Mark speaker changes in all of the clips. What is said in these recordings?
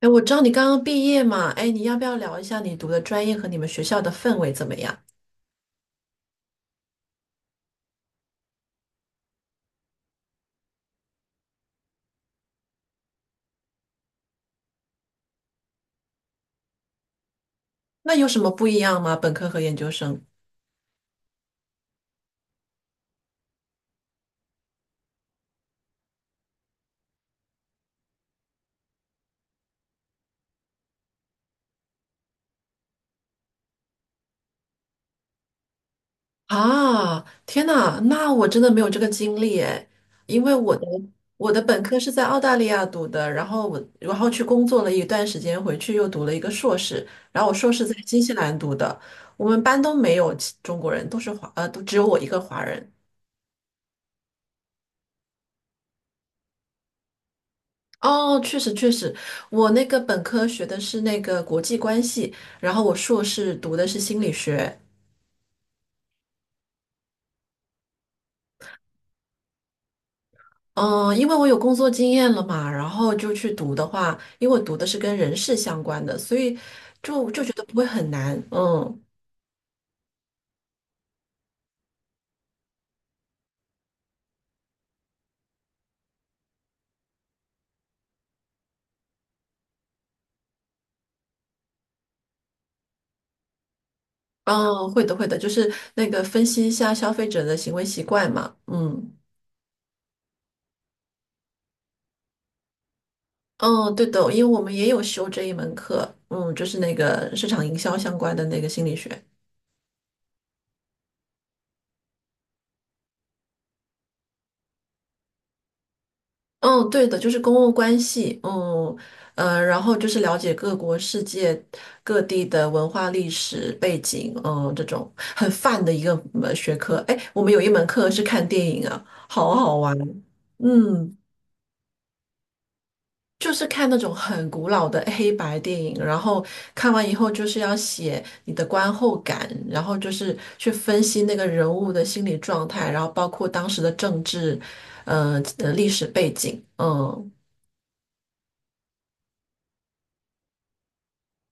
Speaker 1: 哎，我知道你刚刚毕业嘛。哎，你要不要聊一下你读的专业和你们学校的氛围怎么样？那有什么不一样吗？本科和研究生？啊，天呐，那我真的没有这个经历诶，因为我的本科是在澳大利亚读的，然后我去工作了一段时间，回去又读了一个硕士，然后我硕士在新西兰读的。我们班都没有其中国人，都是华，都只有我一个华人。哦，确实确实。我那个本科学的是那个国际关系，然后我硕士读的是心理学。嗯，因为我有工作经验了嘛，然后就去读的话，因为我读的是跟人事相关的，所以就觉得不会很难。嗯。哦，会的会的，就是那个分析一下消费者的行为习惯嘛。嗯。嗯，对的，因为我们也有修这一门课，嗯，就是那个市场营销相关的那个心理学。嗯，对的，就是公共关系，嗯，然后就是了解各国世界各地的文化历史背景，嗯，这种很泛的一个学科。哎，我们有一门课是看电影啊，好好玩。嗯，就是看那种很古老的黑白电影，然后看完以后就是要写你的观后感，然后就是去分析那个人物的心理状态，然后包括当时的政治，历史背景，嗯。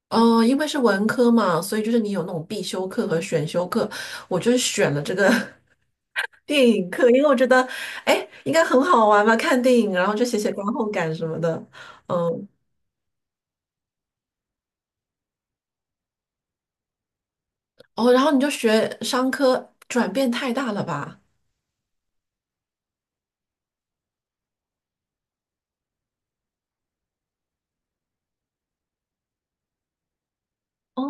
Speaker 1: 嗯，因为是文科嘛，所以就是你有那种必修课和选修课，我就是选了这个 电影课。因为我觉得，哎，应该很好玩吧，看电影，然后就写写观后感什么的，嗯。哦，然后你就学商科，转变太大了吧？哦，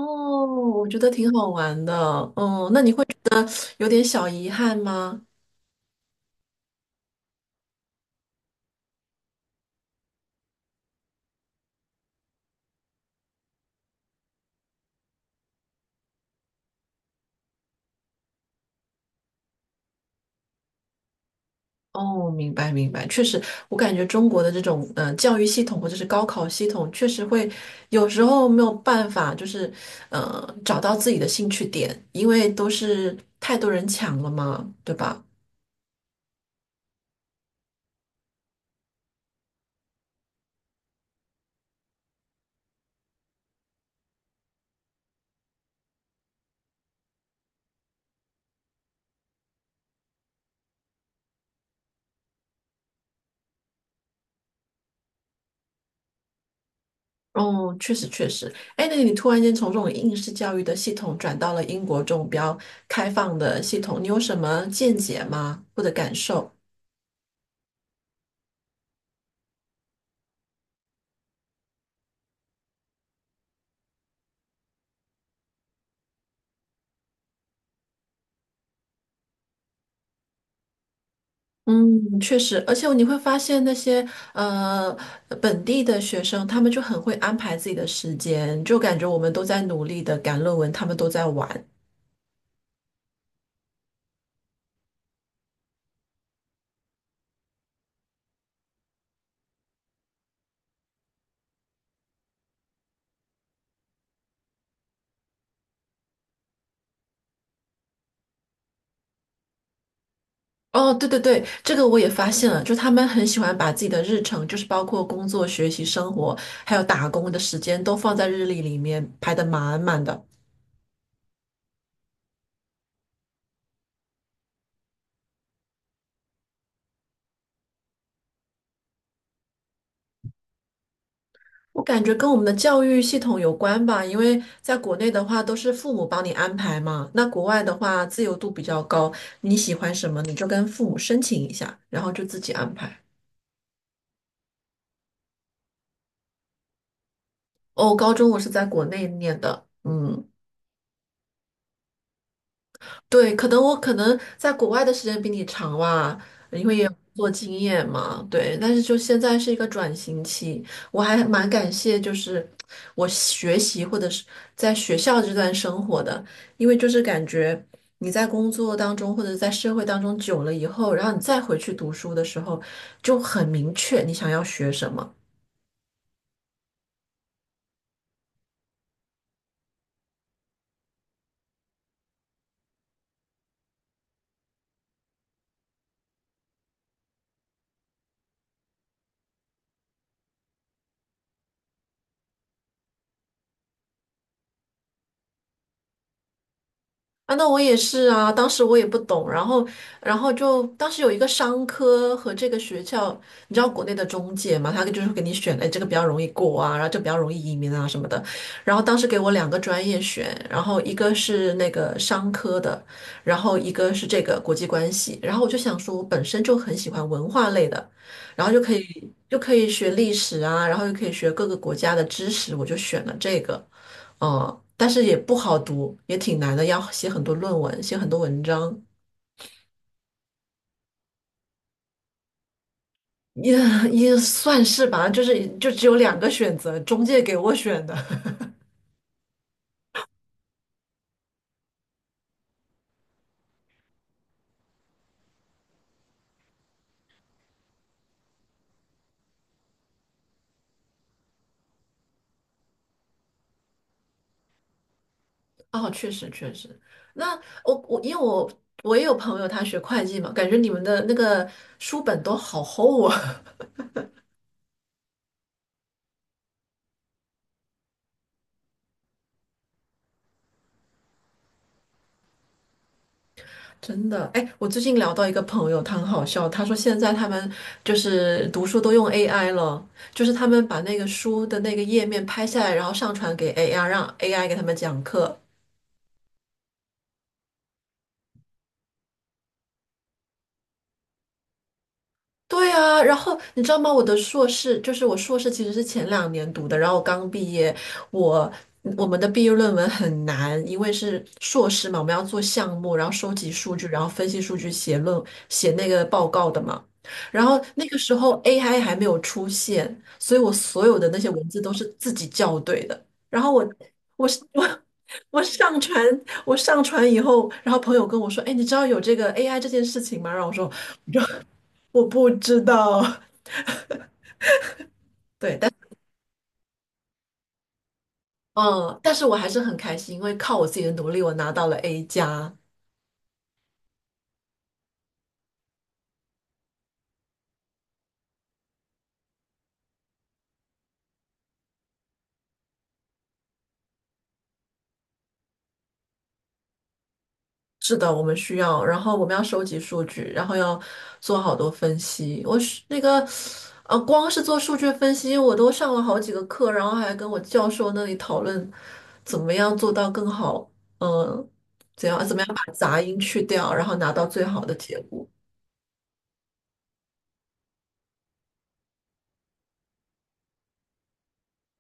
Speaker 1: 我觉得挺好玩的，嗯。那你会有点小遗憾吗？哦，明白明白，确实。我感觉中国的这种教育系统或者是高考系统，确实会有时候没有办法，就是找到自己的兴趣点，因为都是太多人抢了嘛，对吧？哦，确实确实。哎，那你突然间从这种应试教育的系统转到了英国这种比较开放的系统，你有什么见解吗？或者感受？嗯，确实，而且你会发现那些呃本地的学生，他们就很会安排自己的时间，就感觉我们都在努力的赶论文，他们都在玩。哦，对对对，这个我也发现了，就他们很喜欢把自己的日程，就是包括工作、学习、生活，还有打工的时间，都放在日历里面排的满满的。我感觉跟我们的教育系统有关吧，因为在国内的话都是父母帮你安排嘛，那国外的话自由度比较高，你喜欢什么你就跟父母申请一下，然后就自己安排。哦，高中我是在国内念的，嗯。对，可能我可能在国外的时间比你长吧，因为也有工作经验嘛。对，但是就现在是一个转型期。我还蛮感谢，就是我学习或者是在学校这段生活的，因为就是感觉你在工作当中或者在社会当中久了以后，然后你再回去读书的时候，就很明确你想要学什么。啊，那我也是啊，当时我也不懂，然后，然后就当时有一个商科和这个学校，你知道国内的中介嘛，他就是给你选，哎，这个比较容易过啊，然后就比较容易移民啊什么的。然后当时给我两个专业选，然后一个是那个商科的，然后一个是这个国际关系。然后我就想说，我本身就很喜欢文化类的，然后就可以学历史啊，然后又可以学各个国家的知识，我就选了这个。哦，但是也不好读，也挺难的，要写很多论文，写很多文章。也也算是吧，就是就只有两个选择，中介给我选的。哦，确实确实。那我我因为我我也有朋友他学会计嘛，感觉你们的那个书本都好厚啊。真的。哎，我最近聊到一个朋友，他很好笑，他说现在他们就是读书都用 AI 了，就是他们把那个书的那个页面拍下来，然后上传给 AI，让 AI 给他们讲课。对啊，然后你知道吗？我的硕士其实是前两年读的，然后我刚毕业。我我们的毕业论文很难，因为是硕士嘛，我们要做项目，然后收集数据，然后分析数据写那个报告的嘛。然后那个时候 AI 还没有出现，所以我所有的那些文字都是自己校对的。然后我 我上传我上传以后，然后朋友跟我说：“哎，你知道有这个 AI 这件事情吗？”然后我说，我不知道。对，但嗯，但是我还是很开心，因为靠我自己的努力，我拿到了 A 加。是的，我们需要，然后我们要收集数据，然后要做好多分析。我是那个，呃，光是做数据分析，我都上了好几个课，然后还跟我教授那里讨论怎么样做到更好，嗯，怎么样把杂音去掉，然后拿到最好的结果。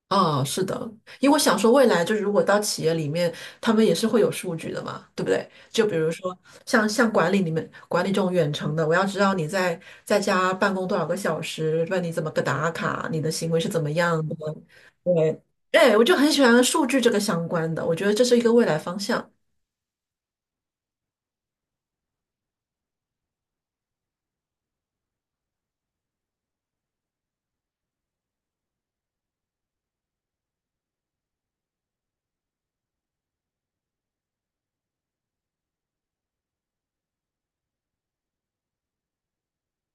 Speaker 1: 啊，是的，因为我想说，未来就如果到企业里面，他们也是会有数据的嘛，对不对？就比如说像管理这种远程的，我要知道你在在家办公多少个小时，问你怎么个打卡，你的行为是怎么样的。对，哎，我就很喜欢数据这个相关的，我觉得这是一个未来方向。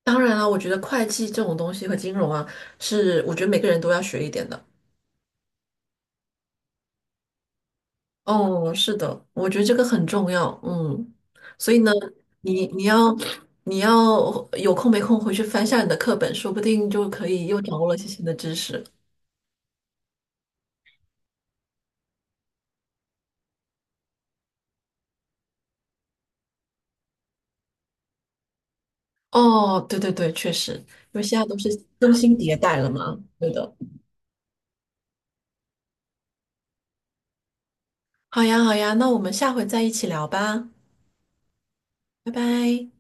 Speaker 1: 当然了，我觉得会计这种东西和金融啊，是我觉得每个人都要学一点的。哦，是的，我觉得这个很重要，嗯。所以呢，你你要你要有空没空回去翻下你的课本，说不定就可以又掌握了一些新的知识。哦，对对对，确实，因为现在都是更新迭代了嘛，对的。好呀，好呀，那我们下回再一起聊吧。拜拜。